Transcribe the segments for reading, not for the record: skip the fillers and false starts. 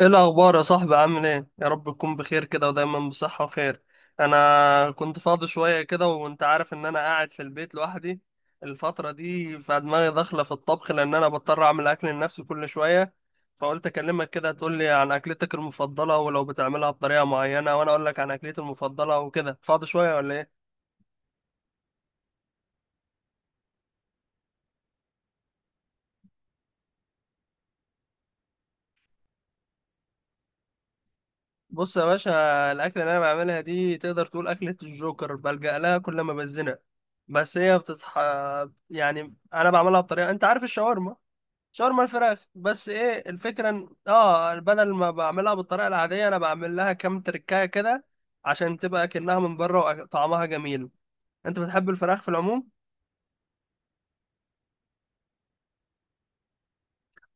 ايه الاخبار يا صاحبي، عامل ايه؟ يا رب تكون بخير كده ودايما بصحة وخير. انا كنت فاضي شوية كده وانت عارف ان انا قاعد في البيت لوحدي الفترة دي، فدماغي داخلة في الطبخ لان انا بضطر اعمل اكل لنفسي كل شوية. فقلت اكلمك كده تقول لي عن اكلتك المفضلة ولو بتعملها بطريقة معينة، وانا اقول لك عن اكلتي المفضلة. وكده، فاضي شوية ولا ايه؟ بص يا باشا، الأكلة اللي أنا بعملها دي تقدر تقول أكلة الجوكر، بلجأ لها كل ما بزنق. بس هي بتتح، يعني أنا بعملها بطريقة، أنت عارف الشاورما؟ شاورما الفراخ، بس إيه الفكرة؟ إن بدل ما بعملها بالطريقة العادية أنا بعمل لها كام تركاية كده، عشان تبقى كأنها من بره وطعمها جميل. أنت بتحب الفراخ في العموم؟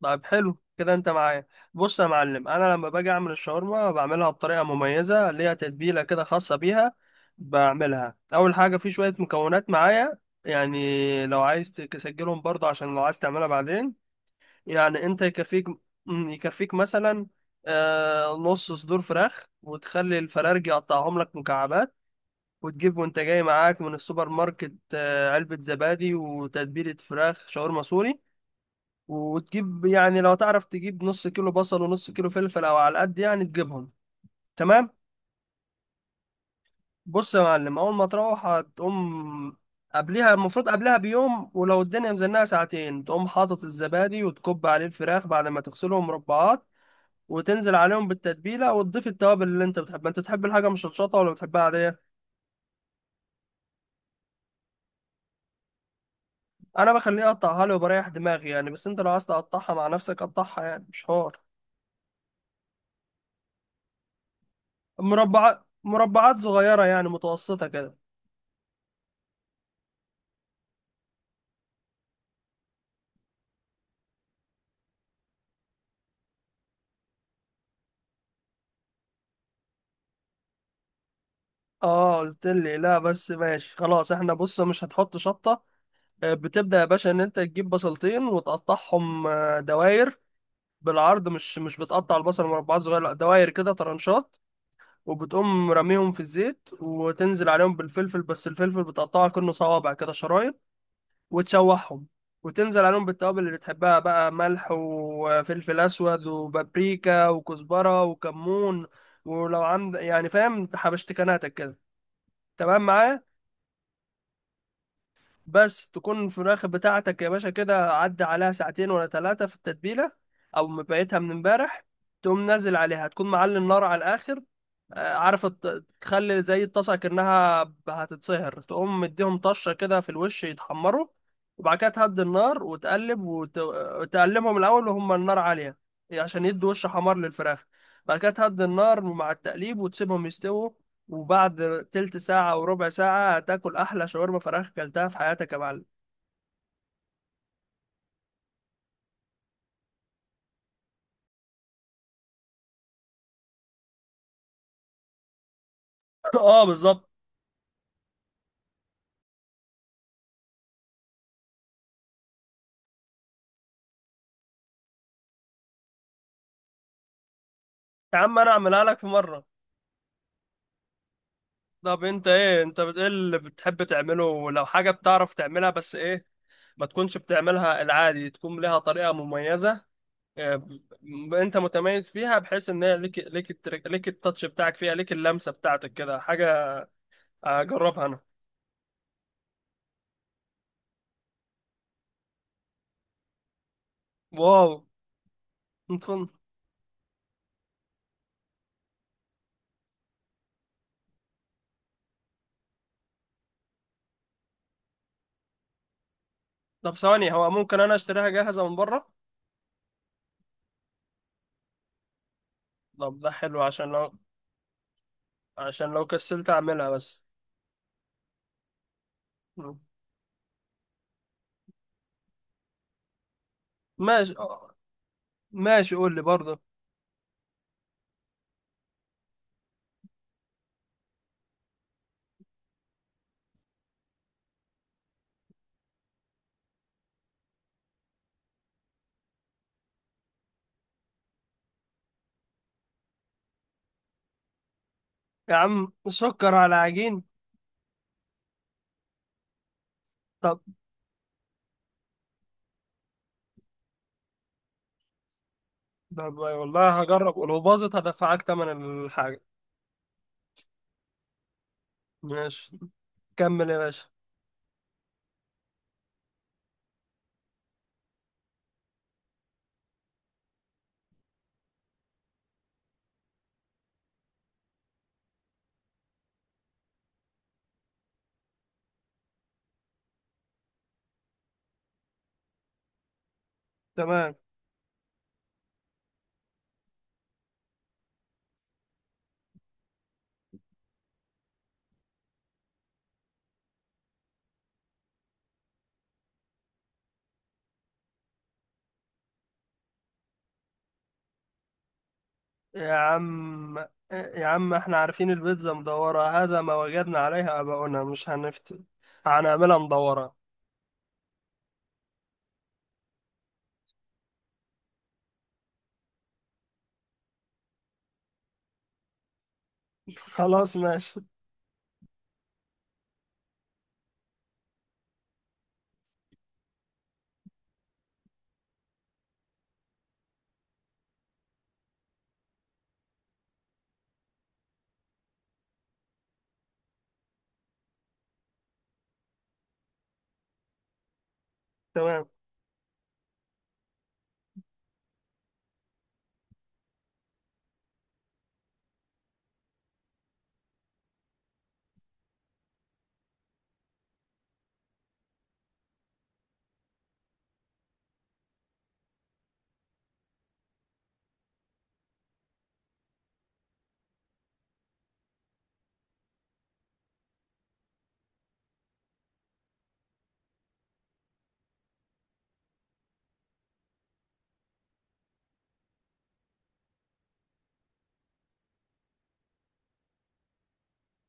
طيب حلو كده، انت معايا. بص يا معلم، انا لما باجي اعمل الشاورما بعملها بطريقه مميزه ليها، تتبيله كده خاصه بيها. بعملها اول حاجه في شويه مكونات معايا، يعني لو عايز تسجلهم برضه عشان لو عايز تعملها بعدين. يعني انت يكفيك، يكفيك مثلا نص صدور فراخ وتخلي الفرارج يقطعهم لك مكعبات. وتجيب وانت جاي معاك من السوبر ماركت علبة زبادي وتتبيلة فراخ شاورما سوري. وتجيب يعني لو تعرف تجيب نص كيلو بصل ونص كيلو فلفل او على قد يعني تجيبهم. تمام. بص يا معلم، اول ما تروح هتقوم، قبلها المفروض قبلها بيوم، ولو الدنيا مزنقه ساعتين تقوم حاطط الزبادي وتكب عليه الفراخ بعد ما تغسلهم مربعات، وتنزل عليهم بالتتبيله وتضيف التوابل اللي انت بتحبها. انت تحب الحاجه مشطشطه ولا بتحبها عاديه؟ انا بخليه اقطعها لي وبريح دماغي يعني، بس انت لو عايز تقطعها مع نفسك قطعها، يعني مش حوار. مربعات، مربعات صغيره يعني متوسطه كده. اه، قلت لي لا، بس ماشي خلاص، احنا بص مش هتحط شطة. بتبدأ يا باشا ان انت تجيب بصلتين وتقطعهم دواير، بالعرض، مش بتقطع البصل مربعات صغيرة، لا، دواير كده طرنشات. وبتقوم رميهم في الزيت وتنزل عليهم بالفلفل، بس الفلفل بتقطعه كأنه صوابع كده شرايط، وتشوحهم. وتنزل عليهم بالتوابل اللي بتحبها بقى، ملح وفلفل اسود وبابريكا وكزبرة وكمون، ولو عند، يعني فاهم حبشتكناتك كده. تمام معايا؟ بس تكون الفراخ بتاعتك يا باشا كده عدى عليها ساعتين ولا 3 في التتبيلة، أو مبيتها من امبارح. تقوم نازل عليها تكون معلي النار على الآخر. عارف تخلي زي الطاسة كأنها هتتسهر، تقوم مديهم طشة كده في الوش يتحمروا. وبعد كده تهدي النار وتقلب، وتقلبهم الأول وهم النار عالية عشان يدوا وش حمار للفراخ. بعد كده تهدي النار مع التقليب وتسيبهم يستووا. وبعد تلت ساعة أو ربع ساعة هتاكل أحلى شاورما فراخ أكلتها في حياتك يا معلم. آه، بالظبط. يا عم، أنا أعملها لك في مرة. طب أنت إيه؟ أنت إيه اللي بتحب تعمله لو حاجة بتعرف تعملها، بس إيه، ما تكونش بتعملها العادي، تكون لها طريقة مميزة. آه، انت متميز فيها بحيث ان هي ليك، ليك ليك التاتش بتاعك فيها، ليك اللمسة بتاعتك كده حاجة اجربها انا. واو. متفن. طب ثواني، هو ممكن انا اشتريها جاهزة من بره؟ طب ده حلو عشان لو كسلت اعملها بس. مم. ماشي، ماشي قول لي برضه. يا عم، سكر على عجين. طب. طب والله هجرب، ولو باظت هدفعك تمن الحاجة. ماشي. كمل يا باشا. تمام. يا عم، يا عم احنا عارفين البيتزا مدورة، هذا ما وجدنا عليها آباؤنا، مش هنفتي، هنعملها مدورة. خلاص ماشي. تمام.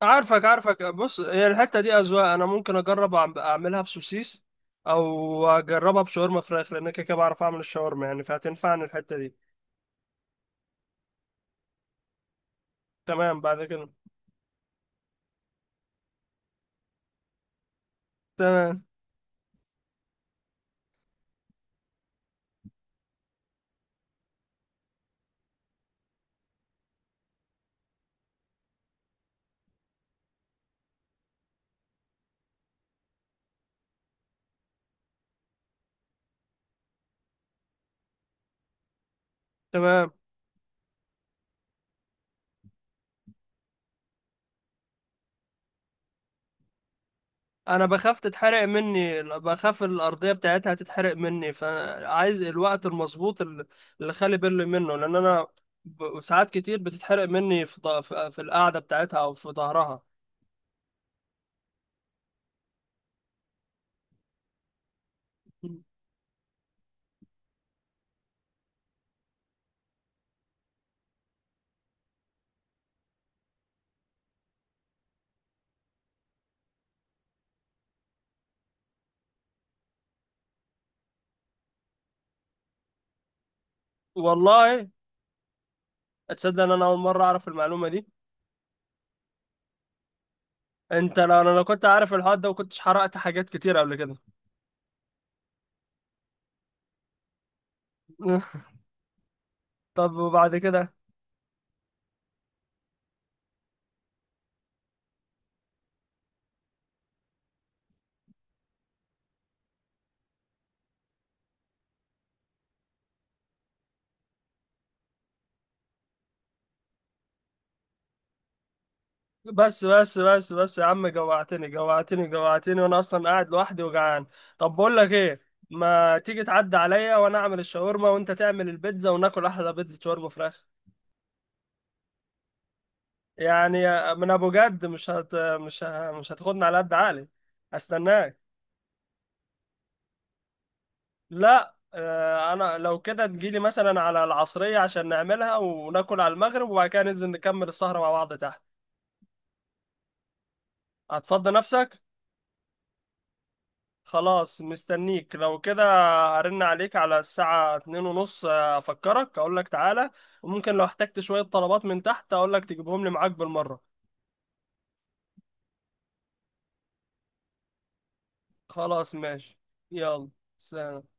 عارفك عارفك، بص هي الحتة دي أذواق، أنا ممكن أجرب أعملها بسوسيس أو أجربها بشاورما فراخ، لأن أنا كده كده بعرف أعمل الشاورما يعني، فهتنفعني الحتة دي. تمام، بعد كده. تمام. تمام. انا بخاف تتحرق مني، بخاف الارضيه بتاعتها تتحرق مني، فعايز الوقت المظبوط اللي، اللي خلي بالي منه، لان انا ساعات كتير بتتحرق مني في في القعده بتاعتها او في ظهرها. والله. اتصدق ان انا اول مره اعرف المعلومه دي؟ انت لو انا لو كنت عارف الحوار ده وكنتش حرقت حاجات كتير قبل كده. طب وبعد كده؟ بس بس بس بس يا عم، جوعتني جوعتني جوعتني، وانا اصلا قاعد لوحدي وجعان. طب بقول لك ايه، ما تيجي تعدي عليا وانا اعمل الشاورما وانت تعمل البيتزا وناكل احلى بيتزا شاورما فراخ. يعني من ابو جد مش هت مش ه... مش هتاخدني على قد عقلي استناك. لا، انا لو كده تجيلي مثلا على العصرية عشان نعملها وناكل على المغرب، وبعد كده ننزل نكمل السهرة مع بعض تحت. هتفضي نفسك. خلاص، مستنيك لو كده. هرن عليك على الساعة 2:30 أفكرك أقول لك تعالى، وممكن لو احتجت شوية طلبات من تحت أقول لك تجيبهم لي معاك بالمرة. خلاص ماشي. يلا، سلام.